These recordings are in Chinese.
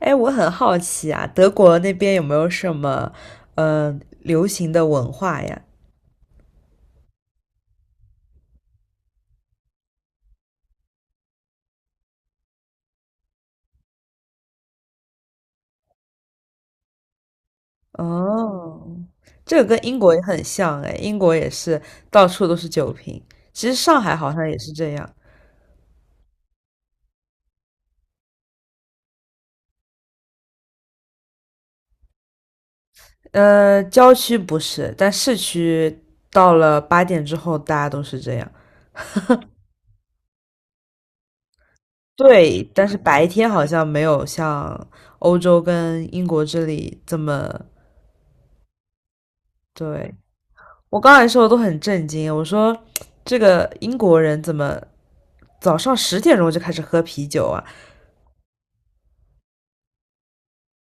哎，我很好奇啊，德国那边有没有什么流行的文化呀？哦，这个跟英国也很像哎，英国也是到处都是酒瓶。其实上海好像也是这样，郊区不是，但市区到了8点之后，大家都是这样。对，但是白天好像没有像欧洲跟英国这里这么，对，我刚才说的都很震惊，我说这个英国人怎么早上10点钟就开始喝啤酒啊，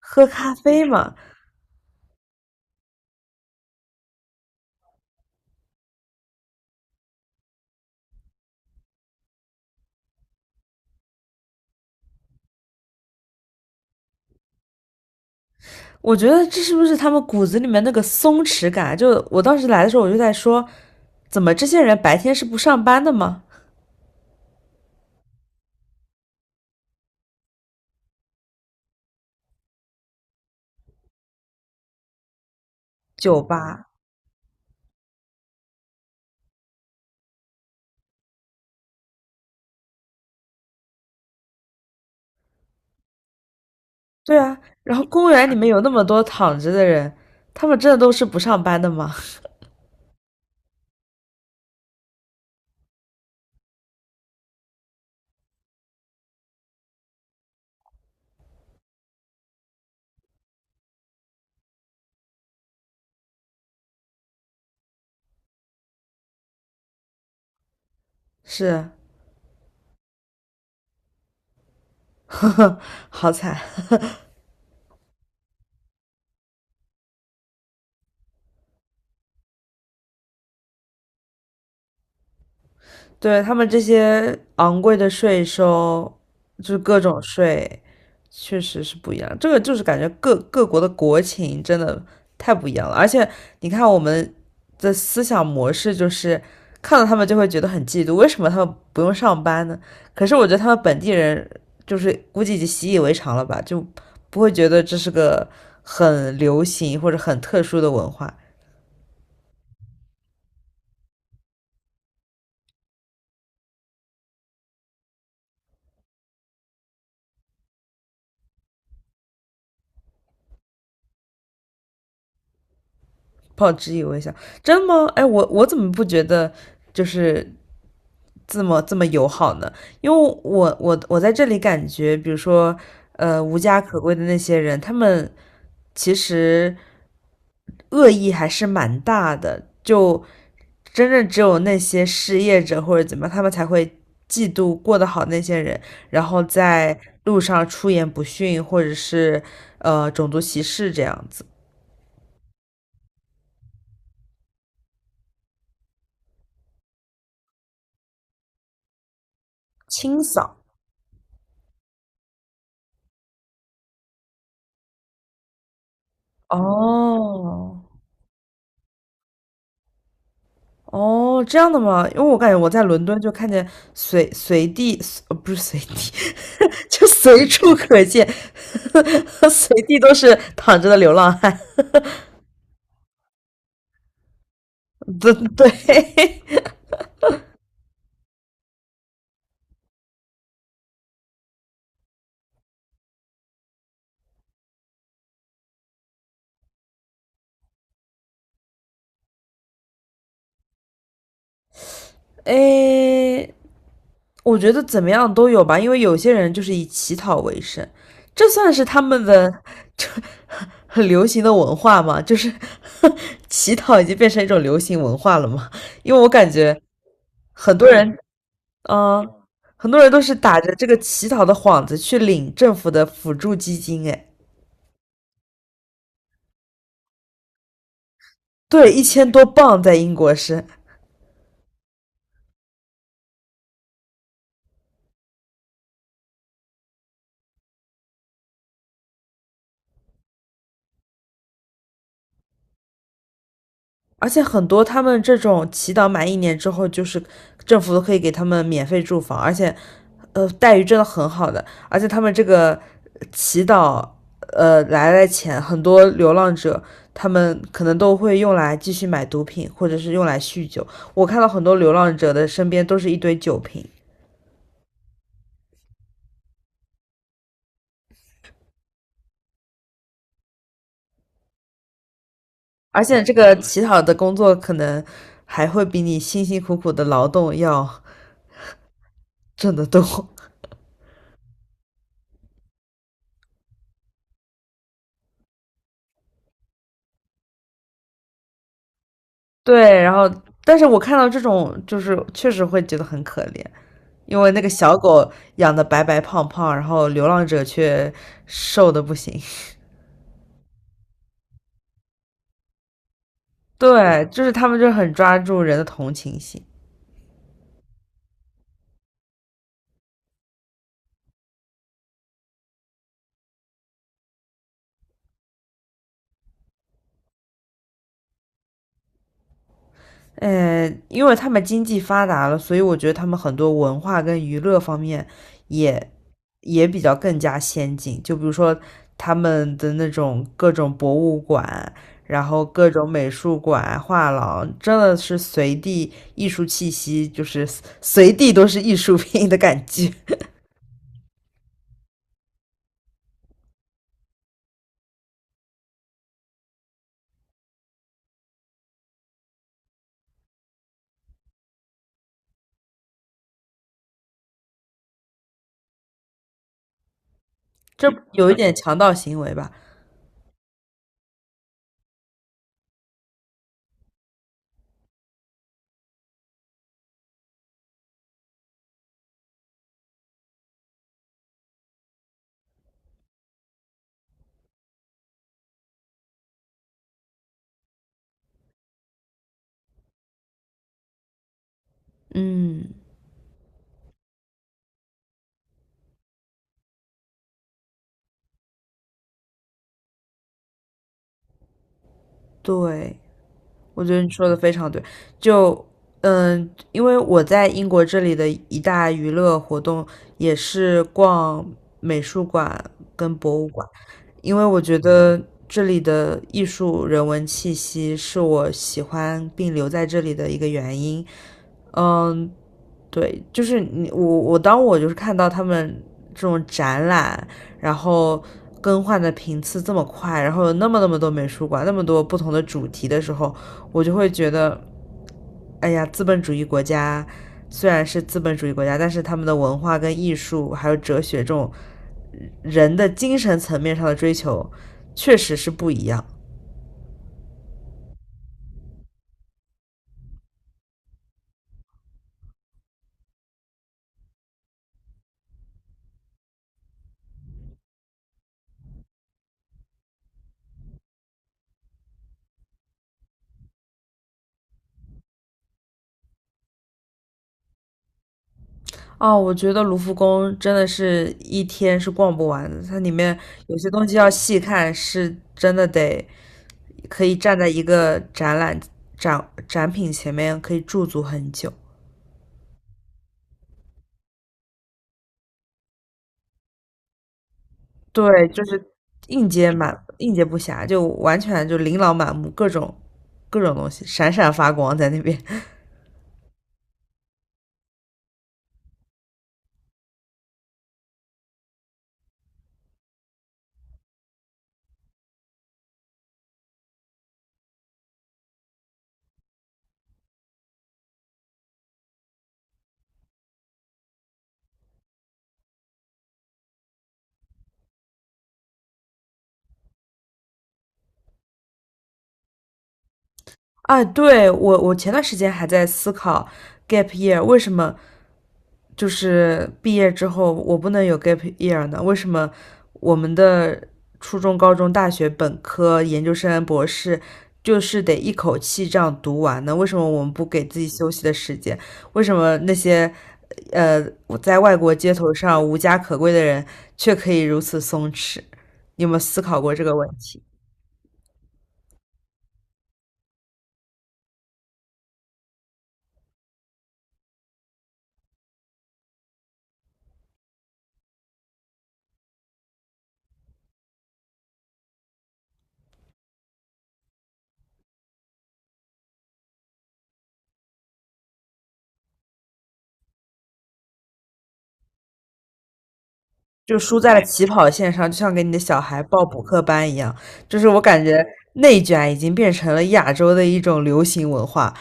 喝咖啡嘛？我觉得这是不是他们骨子里面那个松弛感？就我当时来的时候，我就在说，怎么这些人白天是不上班的吗？酒吧，对啊，然后公园里面有那么多躺着的人，他们真的都是不上班的吗？是，呵呵，好惨。对，他们这些昂贵的税收，就是各种税，确实是不一样。这个就是感觉各国的国情真的太不一样了。而且你看我们的思想模式，就是看到他们就会觉得很嫉妒，为什么他们不用上班呢？可是我觉得他们本地人就是估计已经习以为常了吧，就不会觉得这是个很流行或者很特殊的文化。不好以疑我一下真的吗？哎，我怎么不觉得？就是这么友好呢？因为我在这里感觉，比如说，无家可归的那些人，他们其实恶意还是蛮大的，就真正只有那些失业者或者怎么样，他们才会嫉妒过得好那些人，然后在路上出言不逊，或者是种族歧视这样子清扫。哦，哦，这样的吗？因为我感觉我在伦敦就看见随地，不是随地，就随处可见，随地都是躺着的流浪汉。对对，诶，我觉得怎么样都有吧，因为有些人就是以乞讨为生，这算是他们的这 很流行的文化嘛，就是 乞讨已经变成一种流行文化了嘛，因为我感觉很多人嗯，很多人都是打着这个乞讨的幌子去领政府的辅助基金，哎，对，1000多镑在英国是，而且很多他们这种祈祷满1年之后，就是政府都可以给他们免费住房，而且，待遇真的很好的，而且他们这个祈祷，来的钱，很多流浪者他们可能都会用来继续买毒品，或者是用来酗酒。我看到很多流浪者的身边都是一堆酒瓶。而且这个乞讨的工作可能还会比你辛辛苦苦的劳动要挣得多。对，然后但是我看到这种就是确实会觉得很可怜，因为那个小狗养的白白胖胖，然后流浪者却瘦的不行。对，就是他们就很抓住人的同情心。因为他们经济发达了，所以我觉得他们很多文化跟娱乐方面也比较更加先进。就比如说他们的那种各种博物馆，然后各种美术馆、画廊，真的是随地艺术气息，就是随地都是艺术品的感觉。这有一点强盗行为吧？嗯，对。我觉得你说的非常对，就嗯，因为我在英国这里的一大娱乐活动也是逛美术馆跟博物馆，因为我觉得这里的艺术人文气息是我喜欢并留在这里的一个原因。嗯，对，就是你我当我就是看到他们这种展览，然后更换的频次这么快，然后有那么多美术馆，那么多不同的主题的时候，我就会觉得，哎呀，资本主义国家虽然是资本主义国家，但是他们的文化跟艺术还有哲学这种人的精神层面上的追求，确实是不一样。哦，我觉得卢浮宫真的是一天是逛不完的，它里面有些东西要细看，是真的得可以站在一个展览展品前面可以驻足很久。对，就是应接不暇，就完全就琳琅满目，各种各种东西闪闪发光在那边。啊，对，我前段时间还在思考 gap year 为什么就是毕业之后我不能有 gap year 呢？为什么我们的初中、高中、大学、本科、研究生、博士就是得一口气这样读完呢？为什么我们不给自己休息的时间？为什么那些呃在外国街头上无家可归的人却可以如此松弛？你有没有思考过这个问题？就输在了起跑线上，就像给你的小孩报补课班一样。就是我感觉内卷已经变成了亚洲的一种流行文化，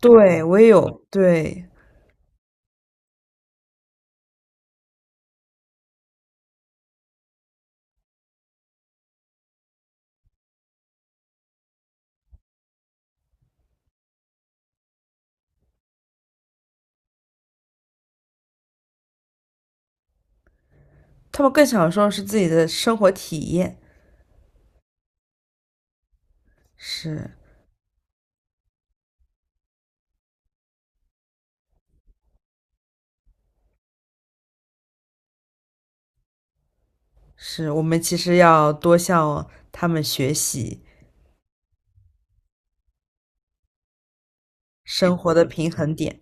对，我也有，对，他们更享受是自己的生活体验，是是，我们其实要多向他们学习生活的平衡点。